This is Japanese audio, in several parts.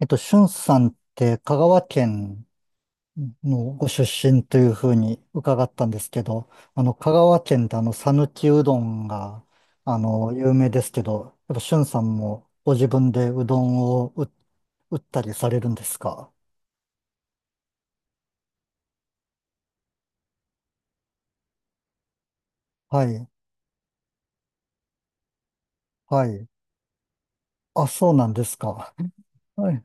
しゅんさんって香川県のご出身というふうに伺ったんですけど、香川県って讃岐うどんが、有名ですけど、やっぱしゅんさんもご自分でうどんを売打ったりされるんですか？はい、はい。あ、そうなんですか。はい、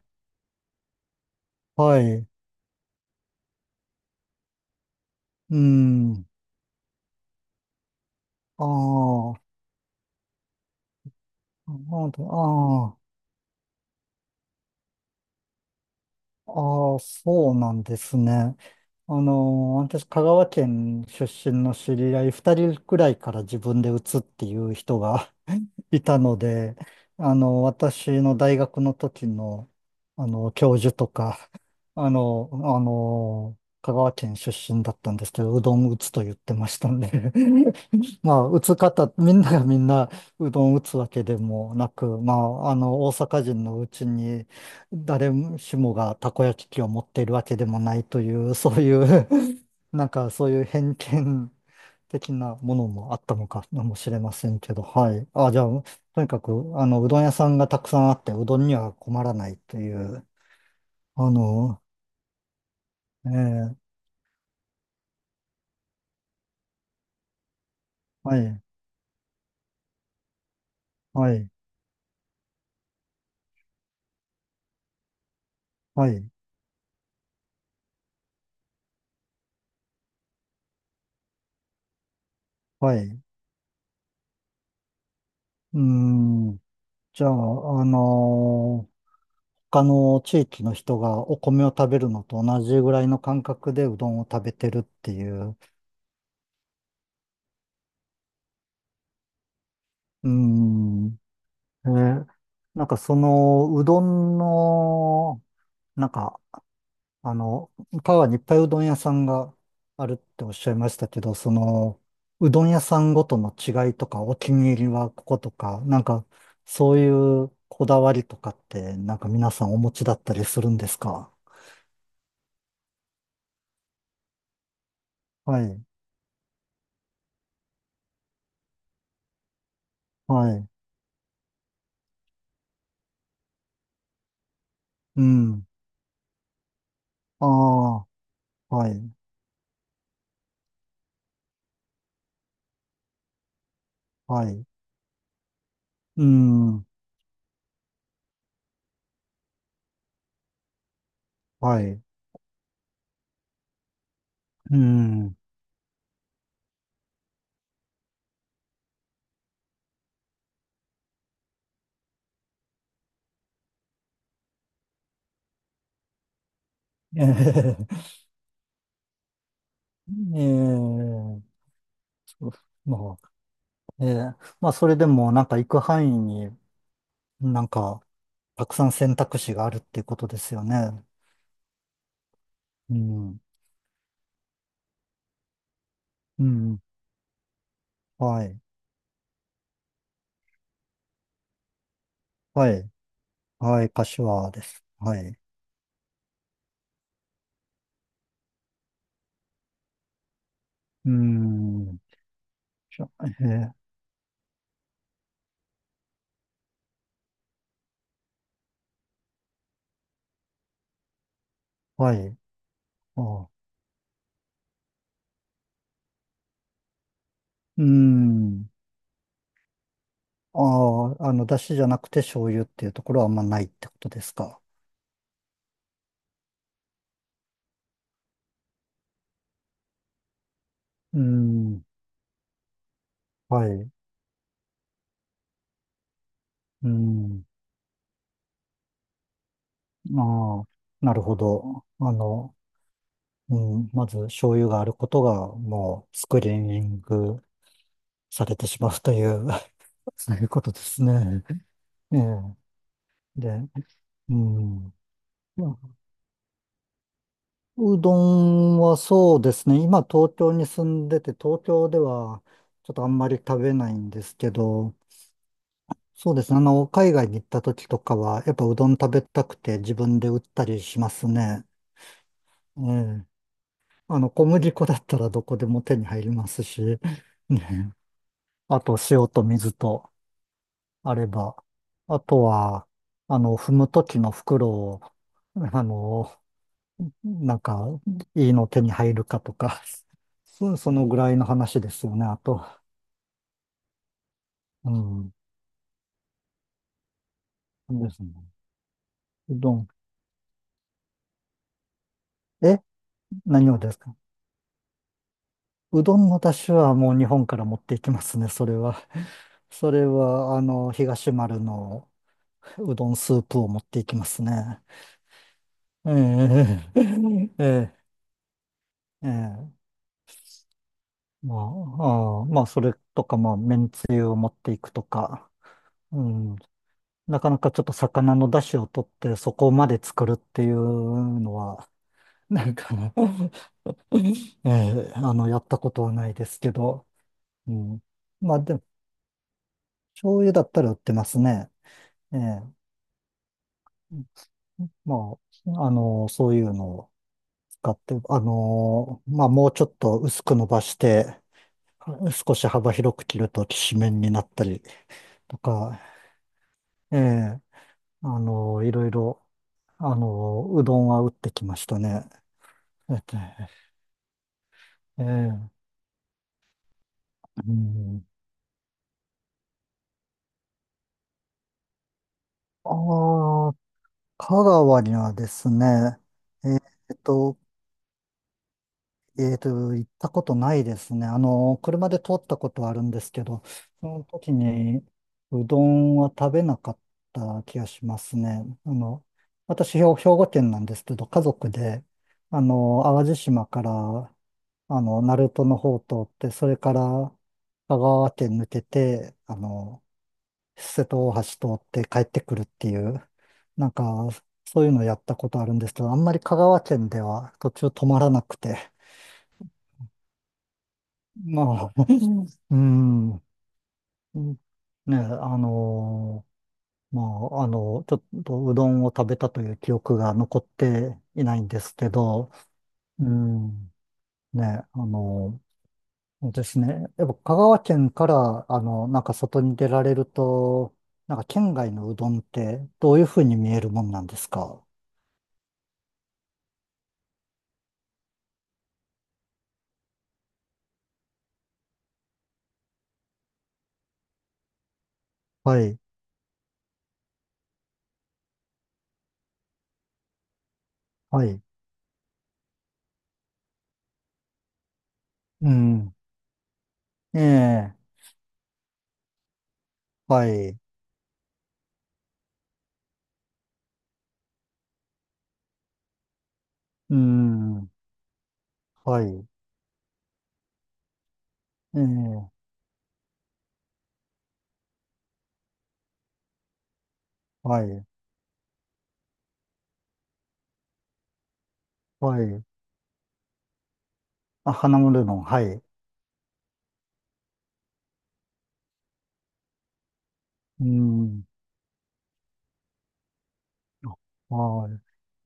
はい。うん。ああ、ああ、ああ、そうなんですね。あの私、香川県出身の知り合い2人くらいから自分で移っていう人がいたので、私の大学の時の、教授とか、香川県出身だったんですけど、うどん打つと言ってましたんで、まあ、打つ方、みんながみんなうどん打つわけでもなく、まあ、大阪人のうちに、誰しもがたこ焼き器を持っているわけでもないという、そういう、なんかそういう偏見的なものもあったのかもしれませんけど、はい。あ、じゃあ、とにかく、うどん屋さんがたくさんあって、うどんには困らないという、あの、ええ、はい、はい、はい、はい。うーん、じゃあ、他の地域の人がお米を食べるのと同じぐらいの感覚でうどんを食べてるっていう、うーん、えーなんかその、うどんの、なんかあの、川にいっぱいうどん屋さんがあるっておっしゃいましたけど、その、うどん屋さんごとの違いとか、お気に入りはこことか、なんか、そういうこだわりとかって、なんか皆さんお持ちだったりするんですか？はい、はい、うん、ああ、はい、はい、うん、はい、うん、ええ、ええ、そう、まあ、ええ、まあ、それでも、なんか行く範囲に、なんか、たくさん選択肢があるっていうことですよね。うん。うん。はい。はい。はい。柏です。はい。うん。じゃえーはい。あ、うん。ああ、出汁じゃなくて醤油っていうところはあんまないってことですか？うん。はい。うん。ああ、なるほど。うん。まず醤油があることがもうスクリーニングされてしまうという、 そういうことですね。ええ。で、うん。いや、うどんはそうですね。今東京に住んでて、東京ではちょっとあんまり食べないんですけど、そうですね。海外に行った時とかは、やっぱうどん食べたくて自分で売ったりしますね。ええ。小麦粉だったらどこでも手に入りますし、ね。あと、塩と水とあれば。あとは、踏む時の袋を、あの、なんか、いいの手に入るかとか、そのぐらいの話ですよね、あと。うん。ですね。うどん。え、何をですか？うどんの出汁はもう日本から持っていきますね、それは。それは、東丸のうどんスープを持っていきますね。ええ、ええ、ええ。まあ、ああ、まあ、それとか、まあ、めんつゆを持っていくとか。うん。なかなかちょっと魚の出汁を取ってそこまで作るっていうのは、なんかね、えあの、やったことはないですけど、うん。まあでも、醤油だったら売ってますね。ええ、まあ、そういうのを使って、まあもうちょっと薄く伸ばして、少し幅広く切るときしめんになったりとか、ええ、いろいろ、うどんは打ってきましたね。えっとええ、うん。ああ、香川にはですね、えっと、えっと、行ったことないですね。車で通ったことはあるんですけど、その時にうどんは食べなかった気がしますね。私、兵庫県なんですけど、家族で、淡路島から、鳴門の方を通って、それから香川県抜けて、瀬戸大橋通って帰ってくるっていう、なんか、そういうのやったことあるんですけど、あんまり香川県では途中止まらなくて、まあ、うん、うん、ね、あのーまちょっとうどんを食べたという記憶が残っていないんですけど、うん、ね、あのそうですね、やっぱ香川県から、なんか外に出られると、なんか県外のうどんってどういうふうに見えるもんなんですか？はい、はい、うん。ええ、はい、うん。はい、ええ、はい、はい、あ、花丸うどん、はい。うん。はい。い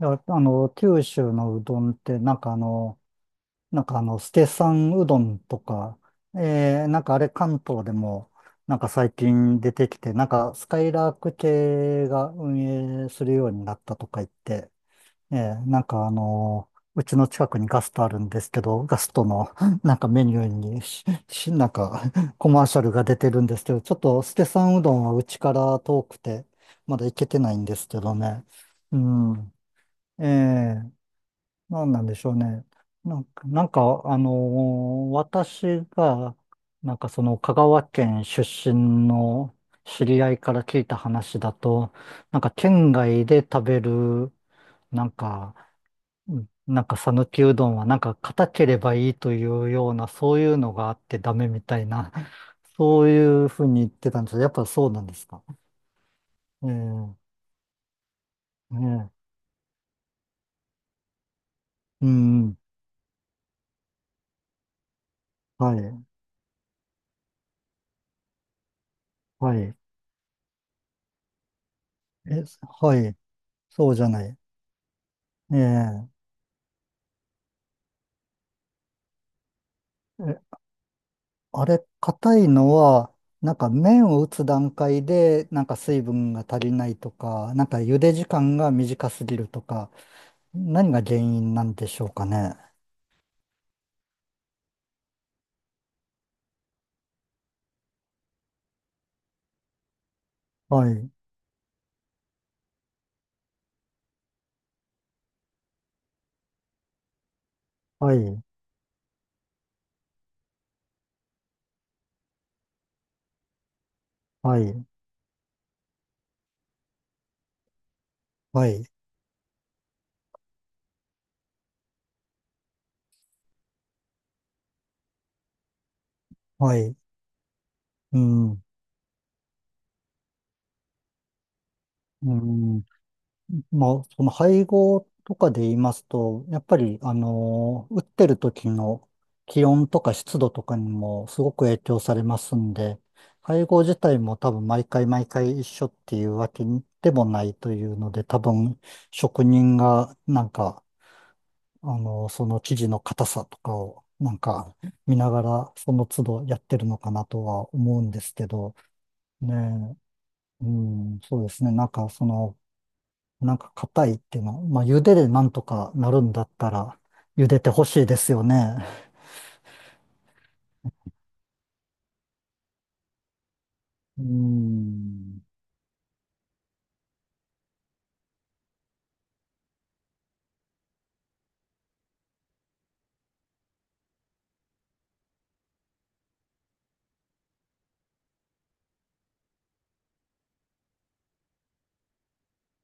や、九州のうどんって、ステさんうどんとか、えなんかあれ関東でも、なんか最近出てきて、なんかスカイラーク系が運営するようになったとか言って、ええ、うちの近くにガストあるんですけど、ガストの なんかメニューに なんかコマーシャルが出てるんですけど、ちょっとスケさんうどんはうちから遠くて、まだ行けてないんですけどね。うん。ええ、なんなんでしょうね。なんか、なんかあの私が、なんかその香川県出身の知り合いから聞いた話だと、なんか県外で食べる、なんか、うん、なんか讃岐うどんはなんか硬ければいいというような、そういうのがあってダメみたいな、そういうふうに言ってたんですけど、やっぱそうなんですか？ええ、ええ、うん、はい、はい。え、はい、そうじゃない。え、ええ、あれ、硬いのは、なんか麺を打つ段階で、なんか水分が足りないとか、なんか茹で時間が短すぎるとか、何が原因なんでしょうかね。はい、はい、はい、はい。はい。うん。うん。まあ、その配合とかで言いますと、やっぱり、打ってる時の気温とか湿度とかにもすごく影響されますんで、配合自体も多分毎回一緒っていうわけでもないというので、多分職人がなんか、その生地の硬さとかをなんか見ながらその都度やってるのかなとは思うんですけど、ねえ。うん、そうですね。なんか、その、なんか硬いっていうの、まあ、茹ででなんとかなるんだったら、茹でてほしいですよね。うん。